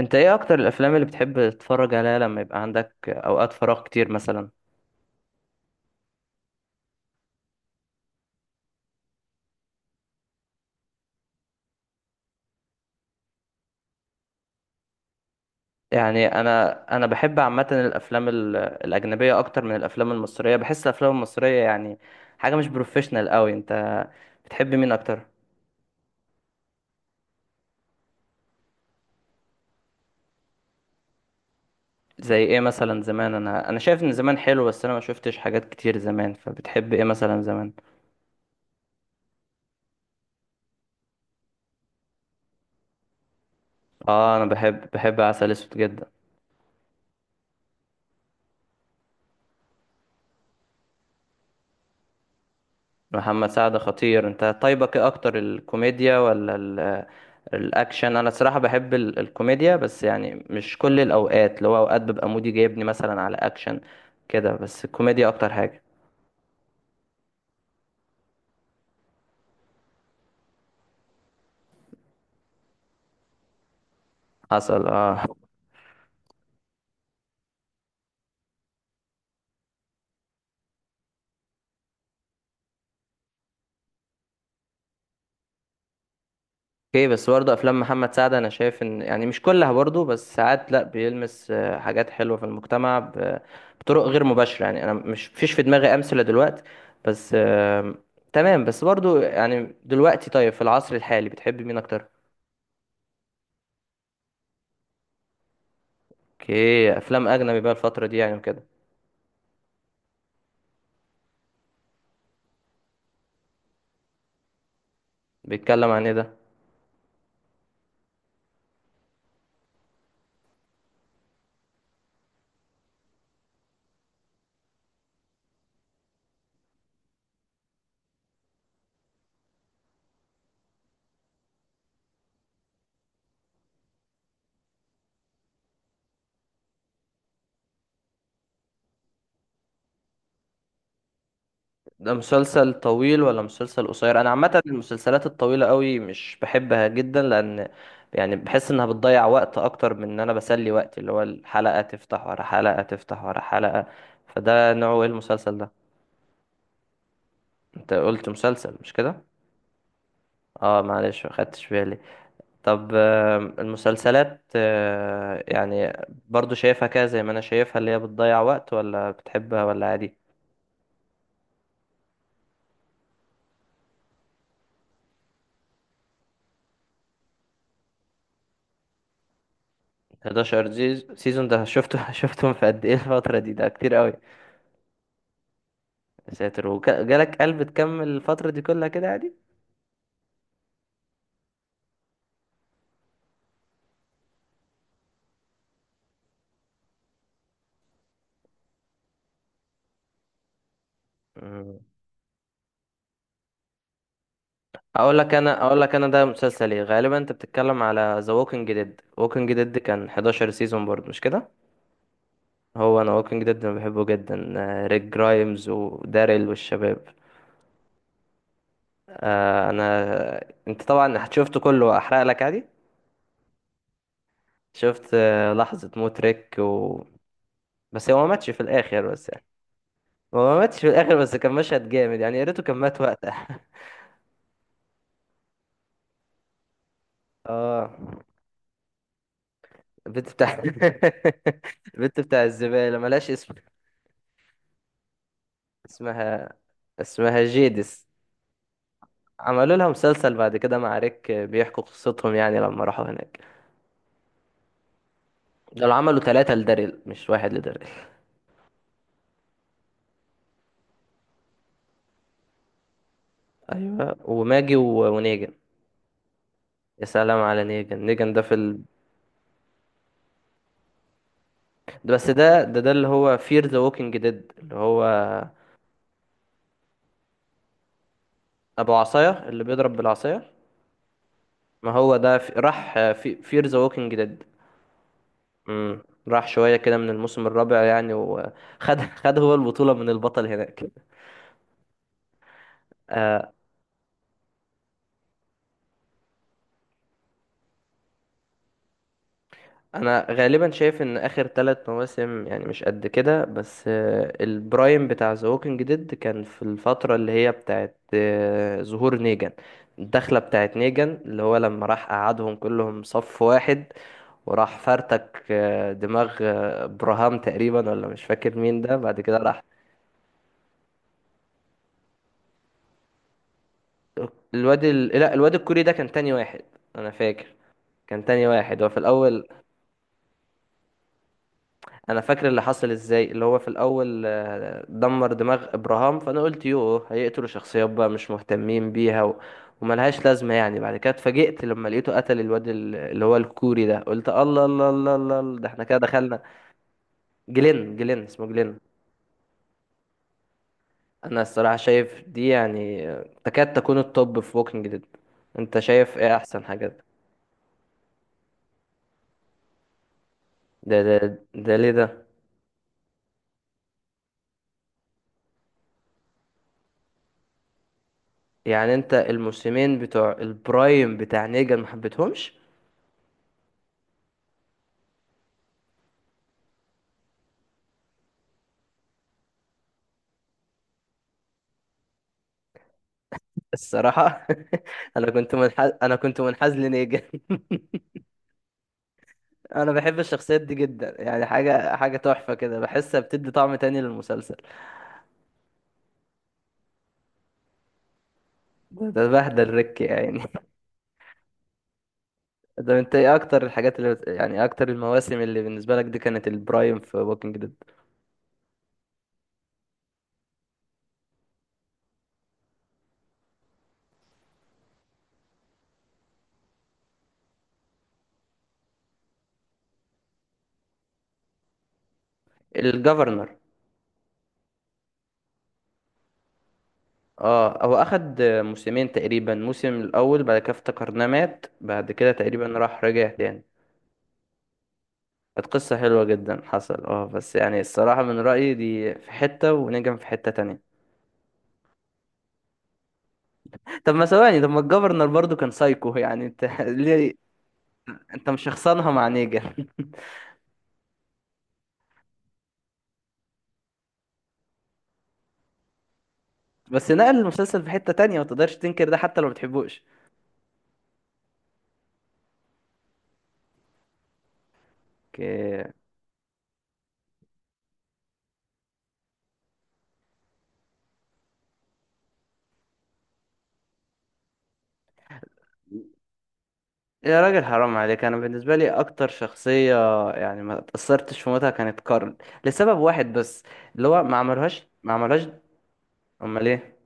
انت ايه اكتر الافلام اللي بتحب تتفرج عليها لما يبقى عندك اوقات فراغ كتير مثلا؟ يعني انا بحب عامه الافلام الاجنبيه اكتر من الافلام المصريه، بحس الافلام المصريه يعني حاجه مش بروفيشنال قوي. انت بتحب مين اكتر؟ زي ايه مثلا زمان؟ انا شايف ان زمان حلو، بس انا ما شفتش حاجات كتير زمان، فبتحب ايه مثلا زمان؟ اه انا بحب عسل اسود جدا. محمد سعد خطير. انت طيبك ايه اكتر، الكوميديا ولا الاكشن؟ انا الصراحه بحب الكوميديا، بس يعني مش كل الاوقات، اللي هو اوقات ببقى مودي جايبني مثلا على اكشن كده، بس الكوميديا اكتر حاجه. حصل اه. اوكي، بس برضه افلام محمد سعد انا شايف ان يعني مش كلها برضه، بس ساعات لا، بيلمس حاجات حلوه في المجتمع بطرق غير مباشره، يعني انا مش فيش في دماغي امثله دلوقتي، بس تمام. بس برضه يعني دلوقتي، طيب في العصر الحالي بتحب مين اكتر؟ اوكي، افلام اجنبي بقى الفتره دي يعني وكده. بيتكلم عن ايه ده؟ ده مسلسل طويل ولا مسلسل قصير؟ انا عامه المسلسلات الطويله قوي مش بحبها جدا، لان يعني بحس انها بتضيع وقت اكتر من ان انا بسلي وقتي، اللي هو الحلقه تفتح ورا حلقه تفتح ورا حلقه. فده نوعه ايه المسلسل ده؟ انت قلت مسلسل، مش كده؟ اه معلش ما خدتش بالي. طب المسلسلات يعني برضو شايفها كده زي ما انا شايفها، اللي هي بتضيع وقت، ولا بتحبها ولا عادي؟ 11 سيزون ده شفته شفتهم في قد ايه الفترة دي؟ ده كتير قوي. يا ساتر، وجالك قلب تكمل الفترة دي كلها كده عادي؟ مم. اقول لك انا، اقول لك انا ده مسلسل ايه. غالبا انت بتتكلم على ذا ووكينج ديد. ووكينج ديد كان 11 سيزون برضه، مش كده؟ هو انا ووكينج ديد انا بحبه جدا. ريك جرايمز وداريل والشباب. آه، انا انت طبعا شفته كله، احرق لك عادي. شفت لحظة موت ريك بس هو ما ماتش في الاخر بس يعني. هو ما ماتش في الاخر، بس كان مشهد جامد يعني، يا ريته كان مات وقتها. اه. البنت بتاع البنت بتاع الزبالة ملهاش اسم. اسمها اسمها جيدس. عملوا لها مسلسل بعد كده مع ريك بيحكوا قصتهم يعني لما راحوا هناك. دول عملوا ثلاثة لداريل، مش واحد لداريل. ايوه، وماجي ونيجن. يا سلام على نيجن. بس ده اللي هو فير ذا ووكينج ديد، اللي هو ابو عصاية، اللي بيضرب بالعصاية. ما هو ده راح في فير ذا ووكينج ديد. امم. راح شوية كده من الموسم الرابع يعني، وخد خد هو البطولة من البطل هناك. آه، أنا غالبا شايف إن آخر 3 مواسم يعني مش قد كده، بس آه البرايم بتاع ذا ووكينج ديد كان في الفترة اللي هي بتاعت آه ظهور نيجان، الدخلة بتاعت نيجان، اللي هو لما راح قعدهم كلهم صف واحد وراح فرتك دماغ براهام تقريبا، ولا مش فاكر مين ده، بعد كده راح لا الواد الكوري ده كان تاني واحد. انا فاكر كان تاني واحد هو في الاول. انا فاكر اللي حصل ازاي، اللي هو في الاول دمر دماغ ابراهام، فانا قلت يوه هيقتلوا شخصيات بقى مش مهتمين بيها وملهاش لازمه يعني، بعد كده اتفاجئت لما لقيته قتل الواد اللي هو الكوري ده، قلت الله الله الله الله الله، ده احنا كده دخلنا. جلين اسمه جلين. انا الصراحه شايف دي يعني تكاد تكون التوب في ووكينج ديد. انت شايف ايه احسن حاجات؟ ده ليه ده؟ يعني انت الموسمين بتوع البرايم بتاع نيجا ما حبيتهمش؟ الصراحة انا كنت منحاز لنيجا. انا بحب الشخصيات دي جدا يعني، حاجة تحفة كده، بحسها بتدي طعم تاني للمسلسل. ده بهدل ريك يعني. ده انت ايه اكتر الحاجات يعني اكتر المواسم اللي بالنسبة لك دي كانت البرايم في ووكينج ديد؟ الجفرنر. اه هو اخد موسمين تقريبا، موسم الاول بعد كده افتكرناه مات، بعد كده تقريبا راح رجع تاني. كانت قصة حلوة جدا، حصل اه، بس يعني الصراحة من رأيي دي في حتة ونجم في حتة تانية. طب ما ثواني، طب ما الجفرنر برضو كان سايكو يعني انت ليه؟ انت مش شخصنها مع نيجن؟ بس نقل المسلسل في حتة تانية، ما تقدرش تنكر ده حتى لو ما بتحبوش. اوكي. يا راجل حرام عليك، انا بالنسبة لي اكتر شخصية يعني ما اتأثرتش في موتها كانت كارل، لسبب واحد بس، اللي هو ما عملوهاش. امال ايه؟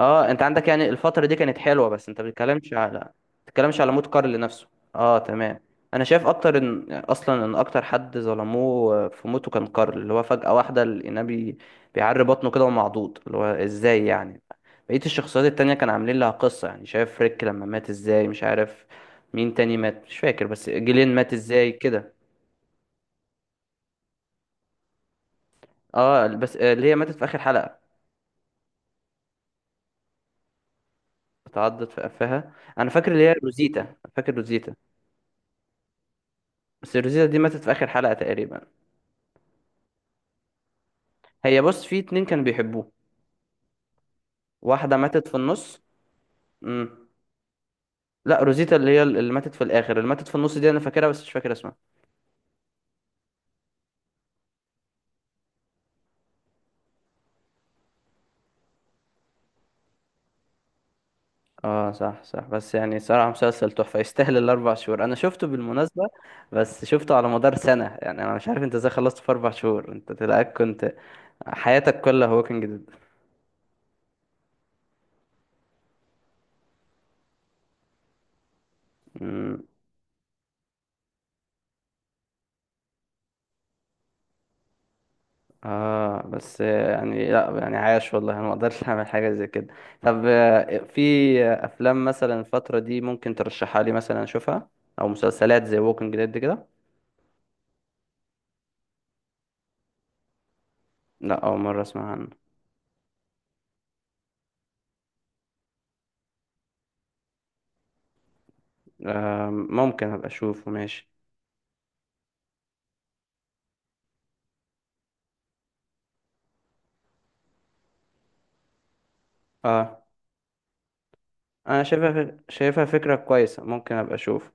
اه انت عندك يعني الفترة دي كانت حلوة، بس انت بتتكلمش على موت كارل نفسه. اه تمام. انا شايف اكتر ان اصلا ان اكتر حد ظلموه في موته كان كارل، اللي هو فجأة واحدة لقيناه بيعري بطنه كده ومعضوض، اللي هو ازاي يعني؟ بقية الشخصيات التانية كان عاملين لها قصة، يعني شايف ريك لما مات ازاي، مش عارف مين تاني مات مش فاكر، بس جيلين مات ازاي كده. اه بس اللي هي ماتت في اخر حلقة، اتعضت في قفاها، انا فاكر اللي هي روزيتا، فاكر روزيتا. بس روزيتا دي ماتت في اخر حلقة تقريبا. هي بص، في اتنين كانوا بيحبوه، واحدة ماتت في النص. امم. لا روزيتا اللي هي اللي ماتت في الآخر، اللي ماتت في النص دي أنا فاكرها بس مش فاكر اسمها. اه صح صح، بس يعني صراحة مسلسل تحفة، يستاهل الأربع شهور. أنا شفته بالمناسبة بس شفته على مدار سنة يعني. أنا مش عارف أنت إزاي خلصت في 4 شهور، أنت تلاقيك كنت حياتك كلها ووكينج ديد. اه بس يعني لا يعني عاش والله، انا ما اقدرش اعمل حاجه زي كده. طب في افلام مثلا الفتره دي ممكن ترشحها لي مثلا اشوفها، او مسلسلات زي ووكينج ديد كده؟ لا اول مره اسمع عنه. آه ممكن ابقى اشوفه ماشي. اه انا شايفها فكره كويسه، ممكن ابقى اشوف.